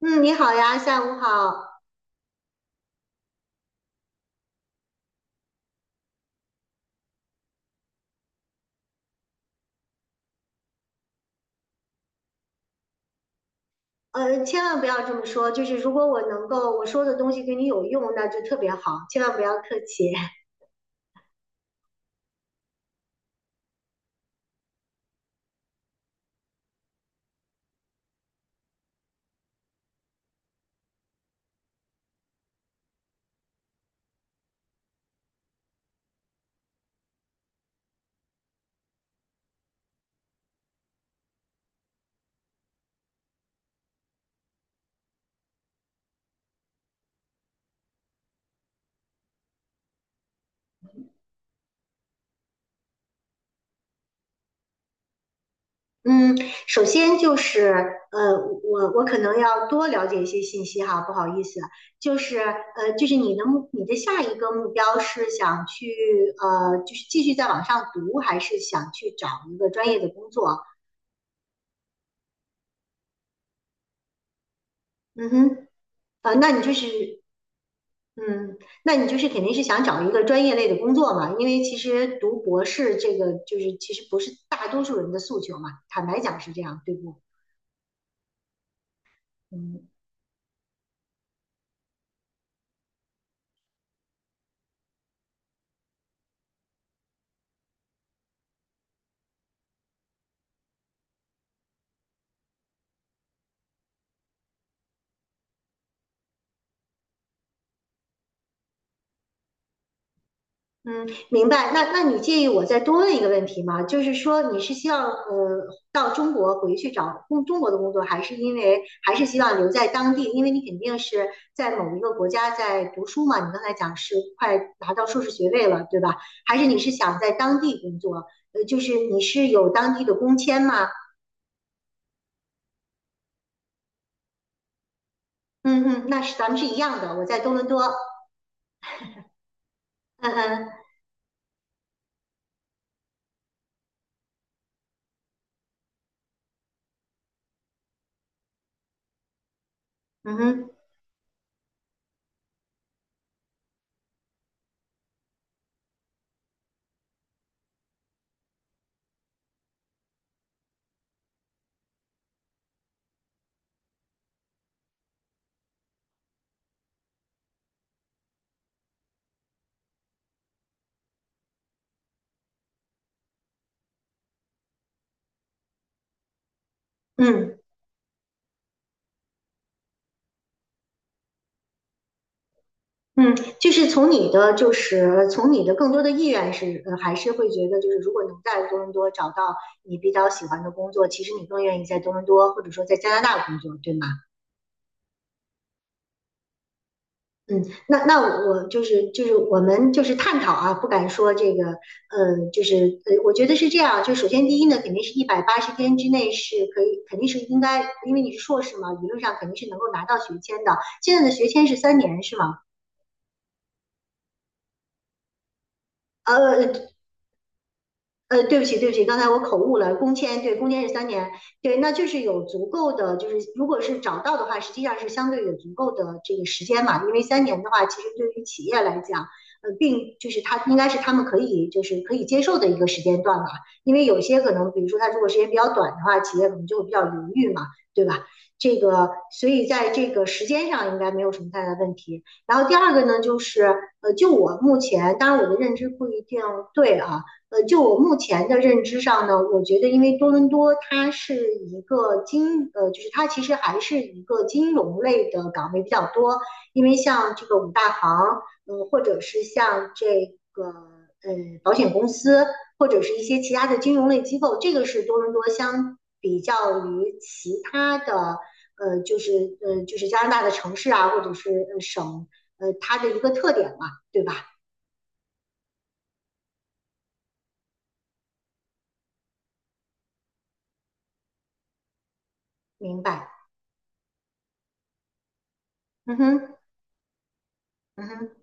嗯，你好呀，下午好。千万不要这么说，就是如果我能够我说的东西对你有用，那就特别好，千万不要客气。嗯，首先就是呃，我可能要多了解一些信息哈，不好意思，就是就是你的下一个目标是想去就是继续再往上读，还是想去找一个专业的工作？嗯哼，呃，那你就是嗯，那你就是肯定是想找一个专业类的工作嘛？因为其实读博士这个就是其实不是大多数人的诉求嘛，坦白讲是这样，对不？嗯，嗯，明白。那你介意我再多问一个问题吗？就是说你是希望到中国回去找中国的工作，还是还是希望留在当地？因为你肯定是在某一个国家在读书嘛，你刚才讲是快拿到硕士学位了，对吧？还是你是想在当地工作？就是你是有当地的工签吗？嗯嗯，那是咱们是一样的。我在多伦多，嗯嗯嗯哼，嗯嗯，就是从你的更多的意愿是，还是会觉得，就是如果能在多伦多找到你比较喜欢的工作，其实你更愿意在多伦多或者说在加拿大工作，对吗？嗯，那我们就是探讨啊，不敢说这个，就是我觉得是这样，就首先第一呢，肯定是180天之内是可以，肯定是应该，因为你是硕士嘛，理论上肯定是能够拿到学签的。现在的学签是三年是吗？呃，对不起，对不起，刚才我口误了。工签，对，工签是三年，对，那就是有足够的，就是如果是找到的话，实际上是相对有足够的这个时间嘛。因为三年的话，其实对于企业来讲，就是他们可以接受的一个时间段嘛。因为有些可能，比如说他如果时间比较短的话，企业可能就会比较犹豫嘛，对吧？这个，所以在这个时间上应该没有什么太大问题。然后第二个呢，就是就我目前，当然我的认知不一定对啊。就我目前的认知上呢，我觉得因为多伦多它是一个金，就是它其实还是一个金融类的岗位比较多，因为像这个五大行，或者是像这个呃保险公司，或者是一些其他的金融类机构，这个是多伦多相比较于其他的，就是就是加拿大的城市啊，或者是省，它的一个特点嘛，对吧？明白，嗯哼，嗯哼，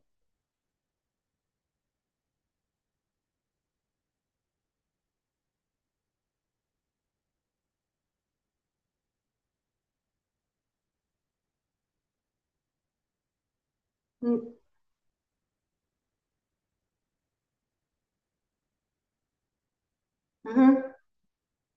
嗯。嗯哼，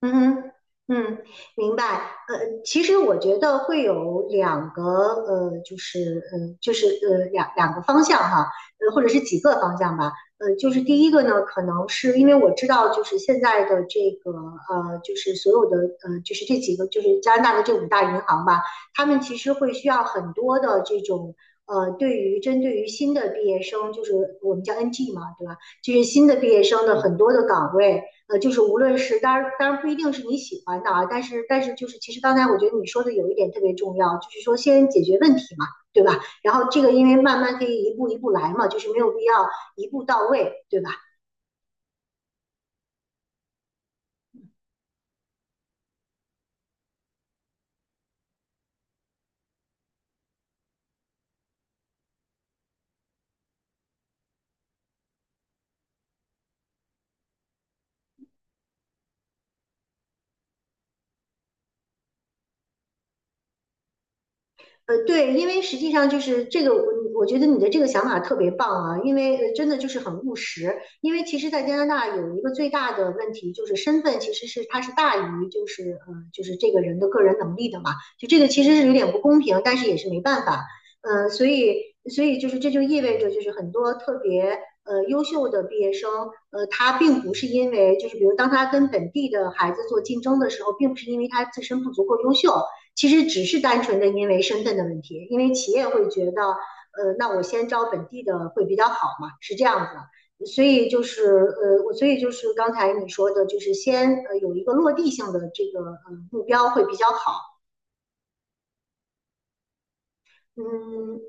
嗯哼，嗯，明白。其实我觉得会有两个，就是，就是，两个方向哈，或者是几个方向吧。就是第一个呢，可能是因为我知道，就是现在的这个，就是所有的，就是这几个，就是加拿大的这五大银行吧，他们其实会需要很多的这种。对于针对于新的毕业生，就是我们叫 NG 嘛，对吧？就是新的毕业生的很多的岗位，就是无论是当然不一定是你喜欢的啊，但是就是其实刚才我觉得你说的有一点特别重要，就是说先解决问题嘛，对吧？然后这个因为慢慢可以一步一步来嘛，就是没有必要一步到位，对吧？对，因为实际上就是这个，我觉得你的这个想法特别棒啊，因为真的就是很务实。因为其实，在加拿大有一个最大的问题就是身份其实是它是大于就是就是这个人的个人能力的嘛，就这个其实是有点不公平，但是也是没办法。呃，所以所以就是这就意味着就是很多特别优秀的毕业生，他并不是因为就是比如当他跟本地的孩子做竞争的时候，并不是因为他自身不足够优秀。其实只是单纯的因为身份的问题，因为企业会觉得，那我先招本地的会比较好嘛，是这样子的。所以就是我所以就是刚才你说的，就是先有一个落地性的这个目标会比较好。嗯，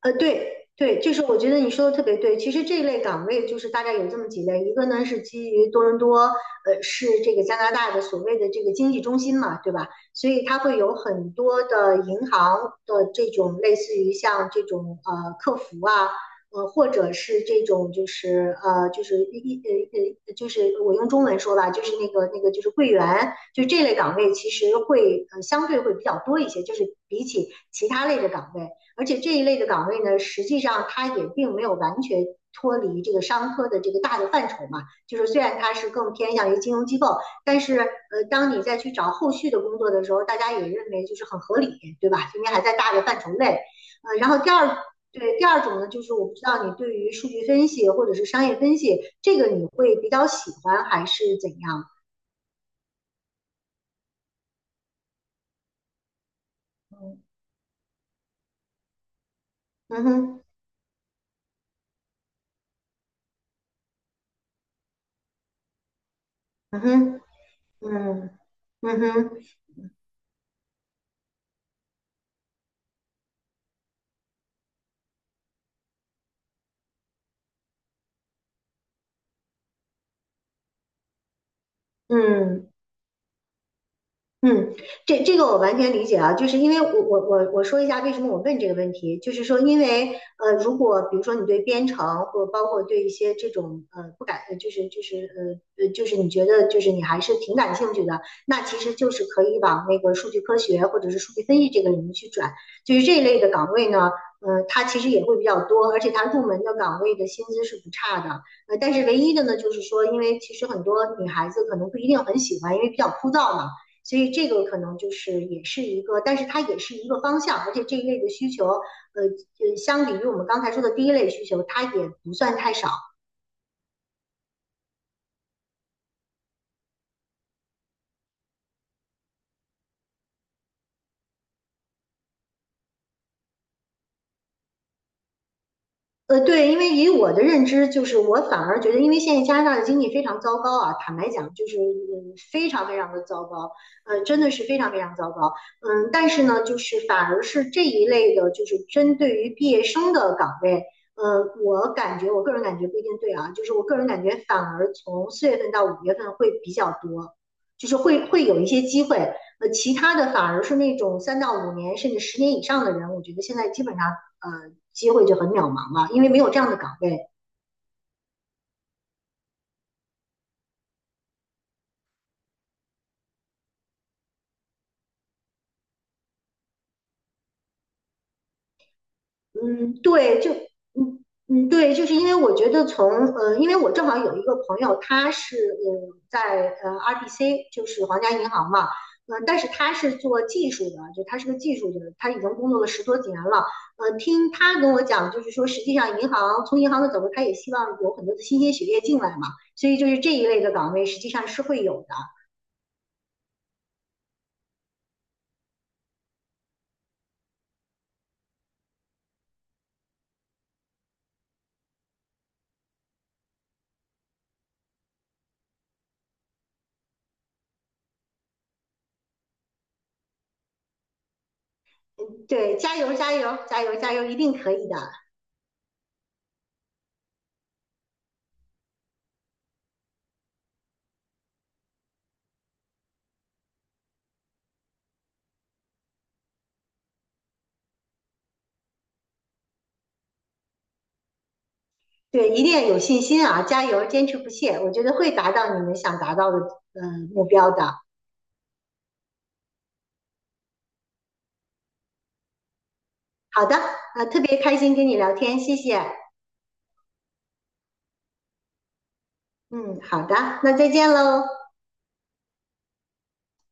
对对，就是我觉得你说的特别对。其实这一类岗位就是大概有这么几类，一个呢是基于多伦多，是这个加拿大的所谓的这个经济中心嘛，对吧？所以它会有很多的银行的这种类似于像这种客服啊，或者是这种就是就是就是我用中文说吧，就是那个就是柜员，就这类岗位其实会相对会比较多一些，就是比起其他类的岗位。而且这一类的岗位呢，实际上它也并没有完全脱离这个商科的这个大的范畴嘛。就是虽然它是更偏向于金融机构，但是当你再去找后续的工作的时候，大家也认为就是很合理，对吧？因为还在大的范畴内。然后第二。对，第二种呢，就是我不知道你对于数据分析或者是商业分析这个你会比较喜欢还是怎样？嗯哼，嗯哼，嗯，嗯哼，嗯。嗯，这个我完全理解啊，就是因为我说一下为什么我问这个问题，就是说因为如果比如说你对编程或包括对一些这种呃不感，就是就是你觉得就是你还是挺感兴趣的，那其实就是可以往那个数据科学或者是数据分析这个领域去转，就是这一类的岗位呢，它其实也会比较多，而且它入门的岗位的薪资是不差的，但是唯一的呢，就是说因为其实很多女孩子可能不一定很喜欢，因为比较枯燥嘛。所以这个可能就是也是一个，但是它也是一个方向，而且这一类的需求，相比于我们刚才说的第一类需求，它也不算太少。对，因为以我的认知，就是我反而觉得，因为现在加拿大的经济非常糟糕啊，坦白讲，就是非常非常的糟糕，真的是非常非常糟糕，但是呢，就是反而是这一类的，就是针对于毕业生的岗位，我感觉，我个人感觉不一定对啊，就是我个人感觉反而从4月份到5月份会比较多，就是会有一些机会，其他的反而是那种3到5年甚至10年以上的人，我觉得现在基本上。机会就很渺茫了，因为没有这样的岗位。嗯，对，就嗯嗯，对，就是因为我觉得从因为我正好有一个朋友，他是在RBC，就是皇家银行嘛，但是他是做技术的，就他是个技术的，他已经工作了10多几年了。听他跟我讲，就是说实际上从银行的角度，他也希望有很多的新鲜血液进来嘛，所以就是这一类的岗位实际上是会有的。对，加油加油加油加油，一定可以的。对，一定要有信心啊，加油，坚持不懈，我觉得会达到你们想达到的目标的。好的，特别开心跟你聊天，谢谢。嗯，好的，那再见喽。